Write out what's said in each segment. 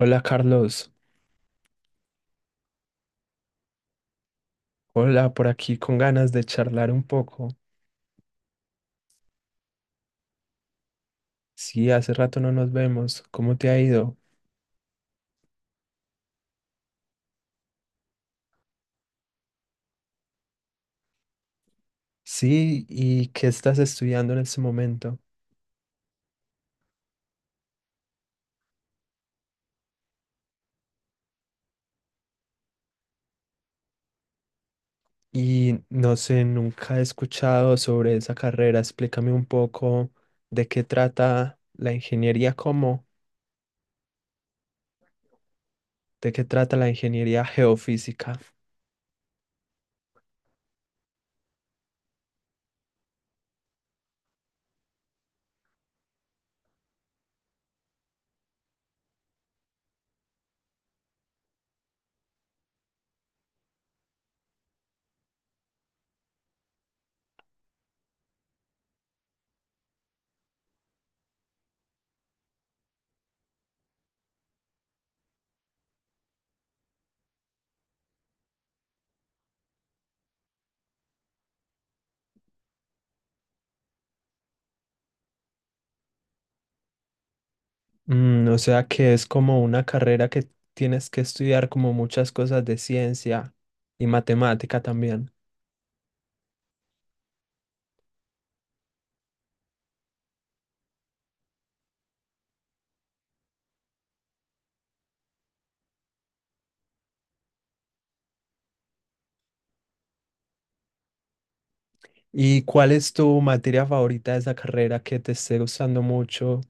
Hola Carlos, hola por aquí con ganas de charlar un poco. Sí, hace rato no nos vemos. ¿Cómo te ha ido? Sí, ¿y qué estás estudiando en este momento? Y no sé, nunca he escuchado sobre esa carrera. Explícame un poco de qué trata la ingeniería, cómo, de qué trata la ingeniería geofísica. O sea que es como una carrera que tienes que estudiar como muchas cosas de ciencia y matemática también. ¿Y cuál es tu materia favorita de esa carrera que te esté gustando mucho?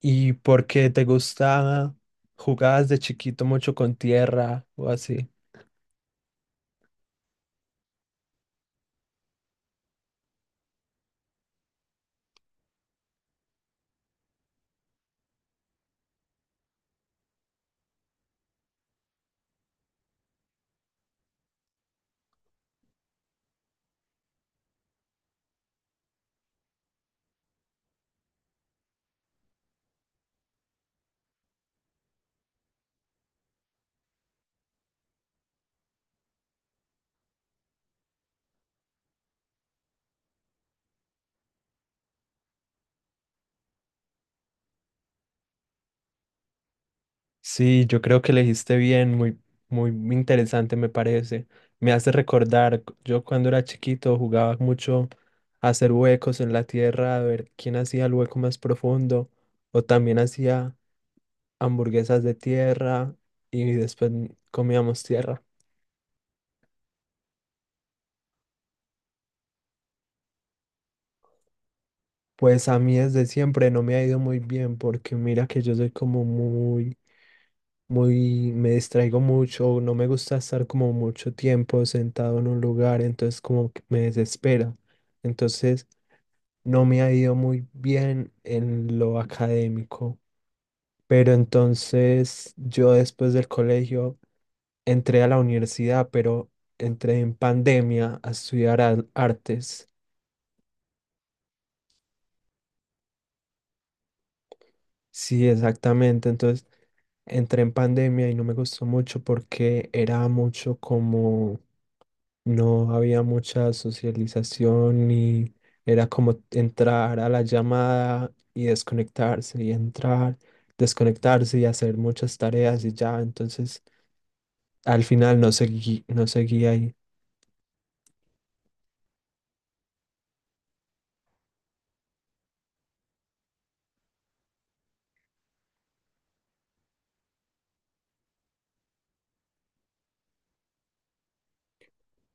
¿Y por qué te gusta? ¿Jugabas de chiquito mucho con tierra o así? Sí, yo creo que elegiste bien, muy, muy interesante me parece. Me hace recordar, yo cuando era chiquito jugaba mucho a hacer huecos en la tierra, a ver quién hacía el hueco más profundo, o también hacía hamburguesas de tierra y después comíamos tierra. Pues a mí desde siempre no me ha ido muy bien porque mira que yo soy como muy me distraigo mucho, no me gusta estar como mucho tiempo sentado en un lugar, entonces como que me desespera. Entonces no me ha ido muy bien en lo académico, pero entonces yo después del colegio entré a la universidad, pero entré en pandemia a estudiar artes. Sí, exactamente. Entonces entré en pandemia y no me gustó mucho porque era mucho como no había mucha socialización y era como entrar a la llamada y desconectarse y entrar, desconectarse y hacer muchas tareas y ya, entonces al final no seguí, ahí.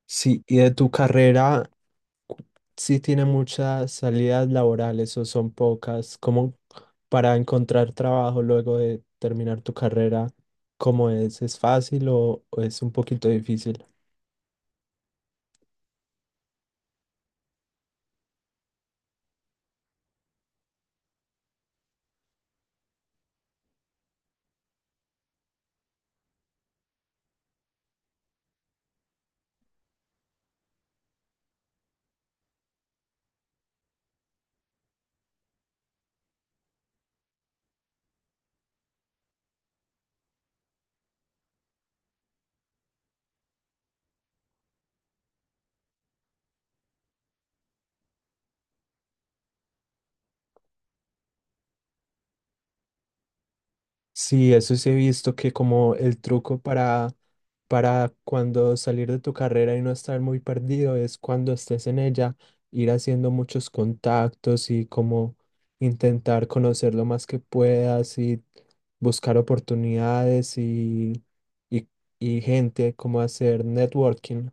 Sí, y de tu carrera, cu- sí tiene muchas salidas laborales o son pocas, como para encontrar trabajo luego de terminar tu carrera, ¿cómo es? ¿Es fácil o es un poquito difícil? Sí, eso sí he visto que como el truco para cuando salir de tu carrera y no estar muy perdido es cuando estés en ella, ir haciendo muchos contactos y como intentar conocer lo más que puedas y buscar oportunidades y, y gente, como hacer networking.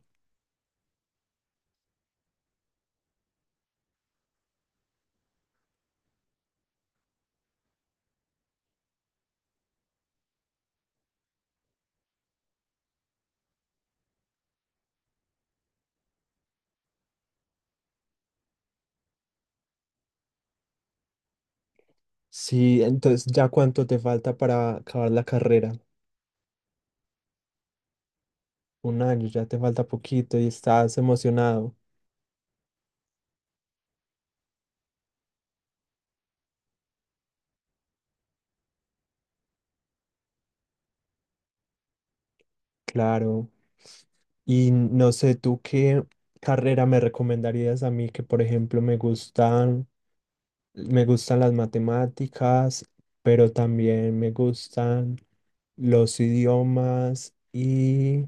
Sí, entonces ya cuánto te falta para acabar la carrera. Un año, ya te falta poquito y estás emocionado. Claro. Y no sé, tú qué carrera me recomendarías a mí que, por ejemplo, me gustan las matemáticas, pero también me gustan los idiomas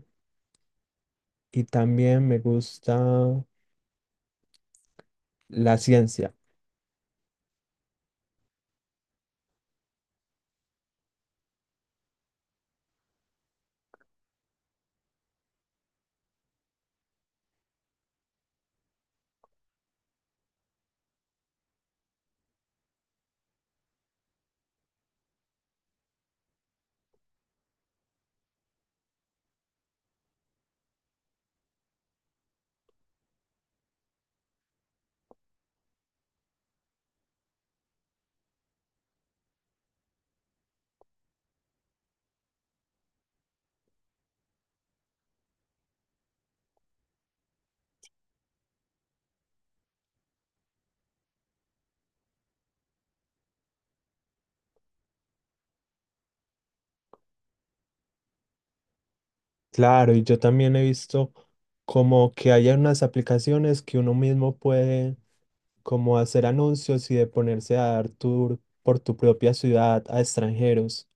y también me gusta la ciencia. Claro, y yo también he visto como que hay unas aplicaciones que uno mismo puede como hacer anuncios y de ponerse a dar tour por tu propia ciudad a extranjeros.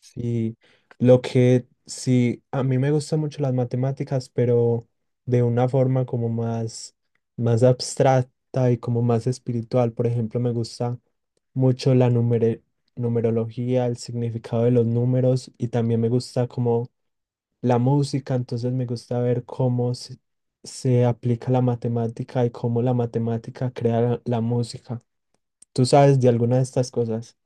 Sí, lo que sí, a mí me gustan mucho las matemáticas, pero de una forma como más, más abstracta y como más espiritual. Por ejemplo, me gusta mucho la numerología, el significado de los números y también me gusta como la música, entonces me gusta ver se aplica la matemática y cómo la matemática crea la música. ¿Tú sabes de alguna de estas cosas?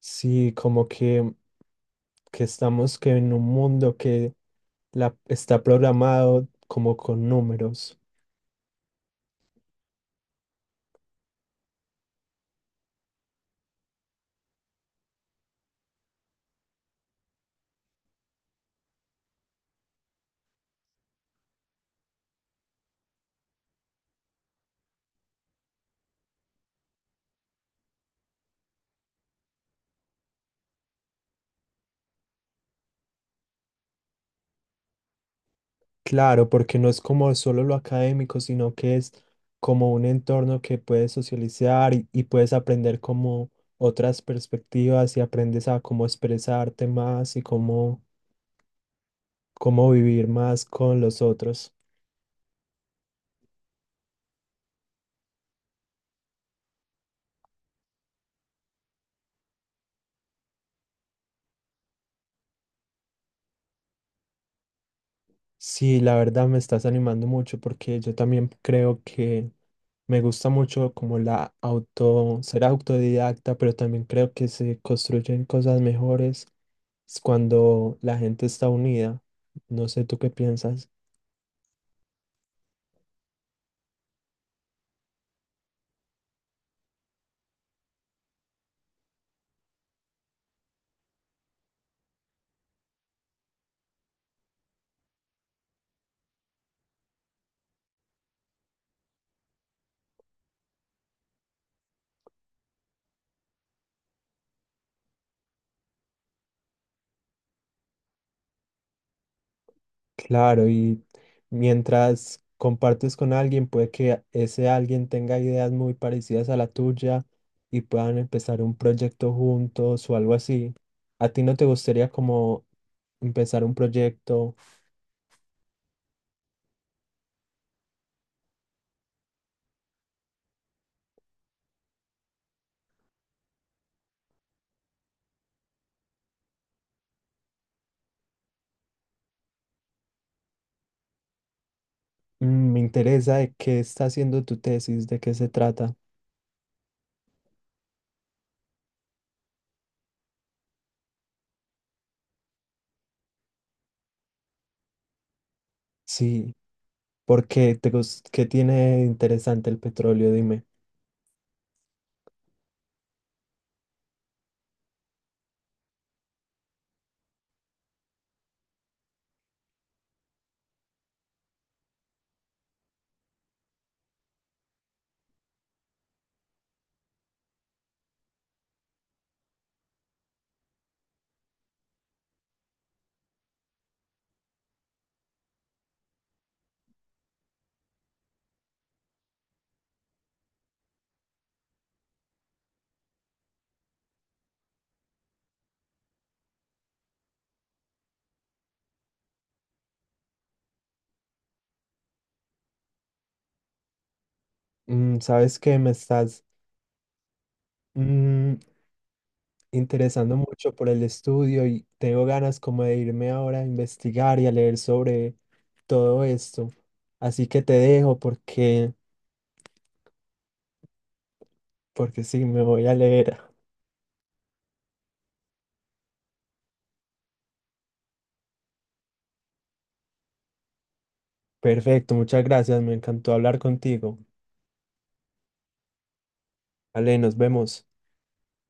Sí, como que estamos que en un mundo que está programado como con números. Claro, porque no es como solo lo académico, sino que es como un entorno que puedes socializar y puedes aprender como otras perspectivas y aprendes a cómo expresarte más y cómo, cómo vivir más con los otros. Sí, la verdad me estás animando mucho porque yo también creo que me gusta mucho como la auto, ser autodidacta, pero también creo que se construyen cosas mejores cuando la gente está unida. No sé, ¿tú qué piensas? Claro, y mientras compartes con alguien, puede que ese alguien tenga ideas muy parecidas a la tuya y puedan empezar un proyecto juntos o algo así. ¿A ti no te gustaría como empezar un proyecto? Me interesa de qué está haciendo tu tesis, de qué se trata. Sí, porque ¿qué tiene de interesante el petróleo? Dime. ¿Sabes qué me estás mm, interesando mucho por el estudio y tengo ganas como de irme ahora a investigar y a leer sobre todo esto? Así que te dejo porque, porque sí, me voy a leer. Perfecto, muchas gracias, me encantó hablar contigo. Vale, nos vemos.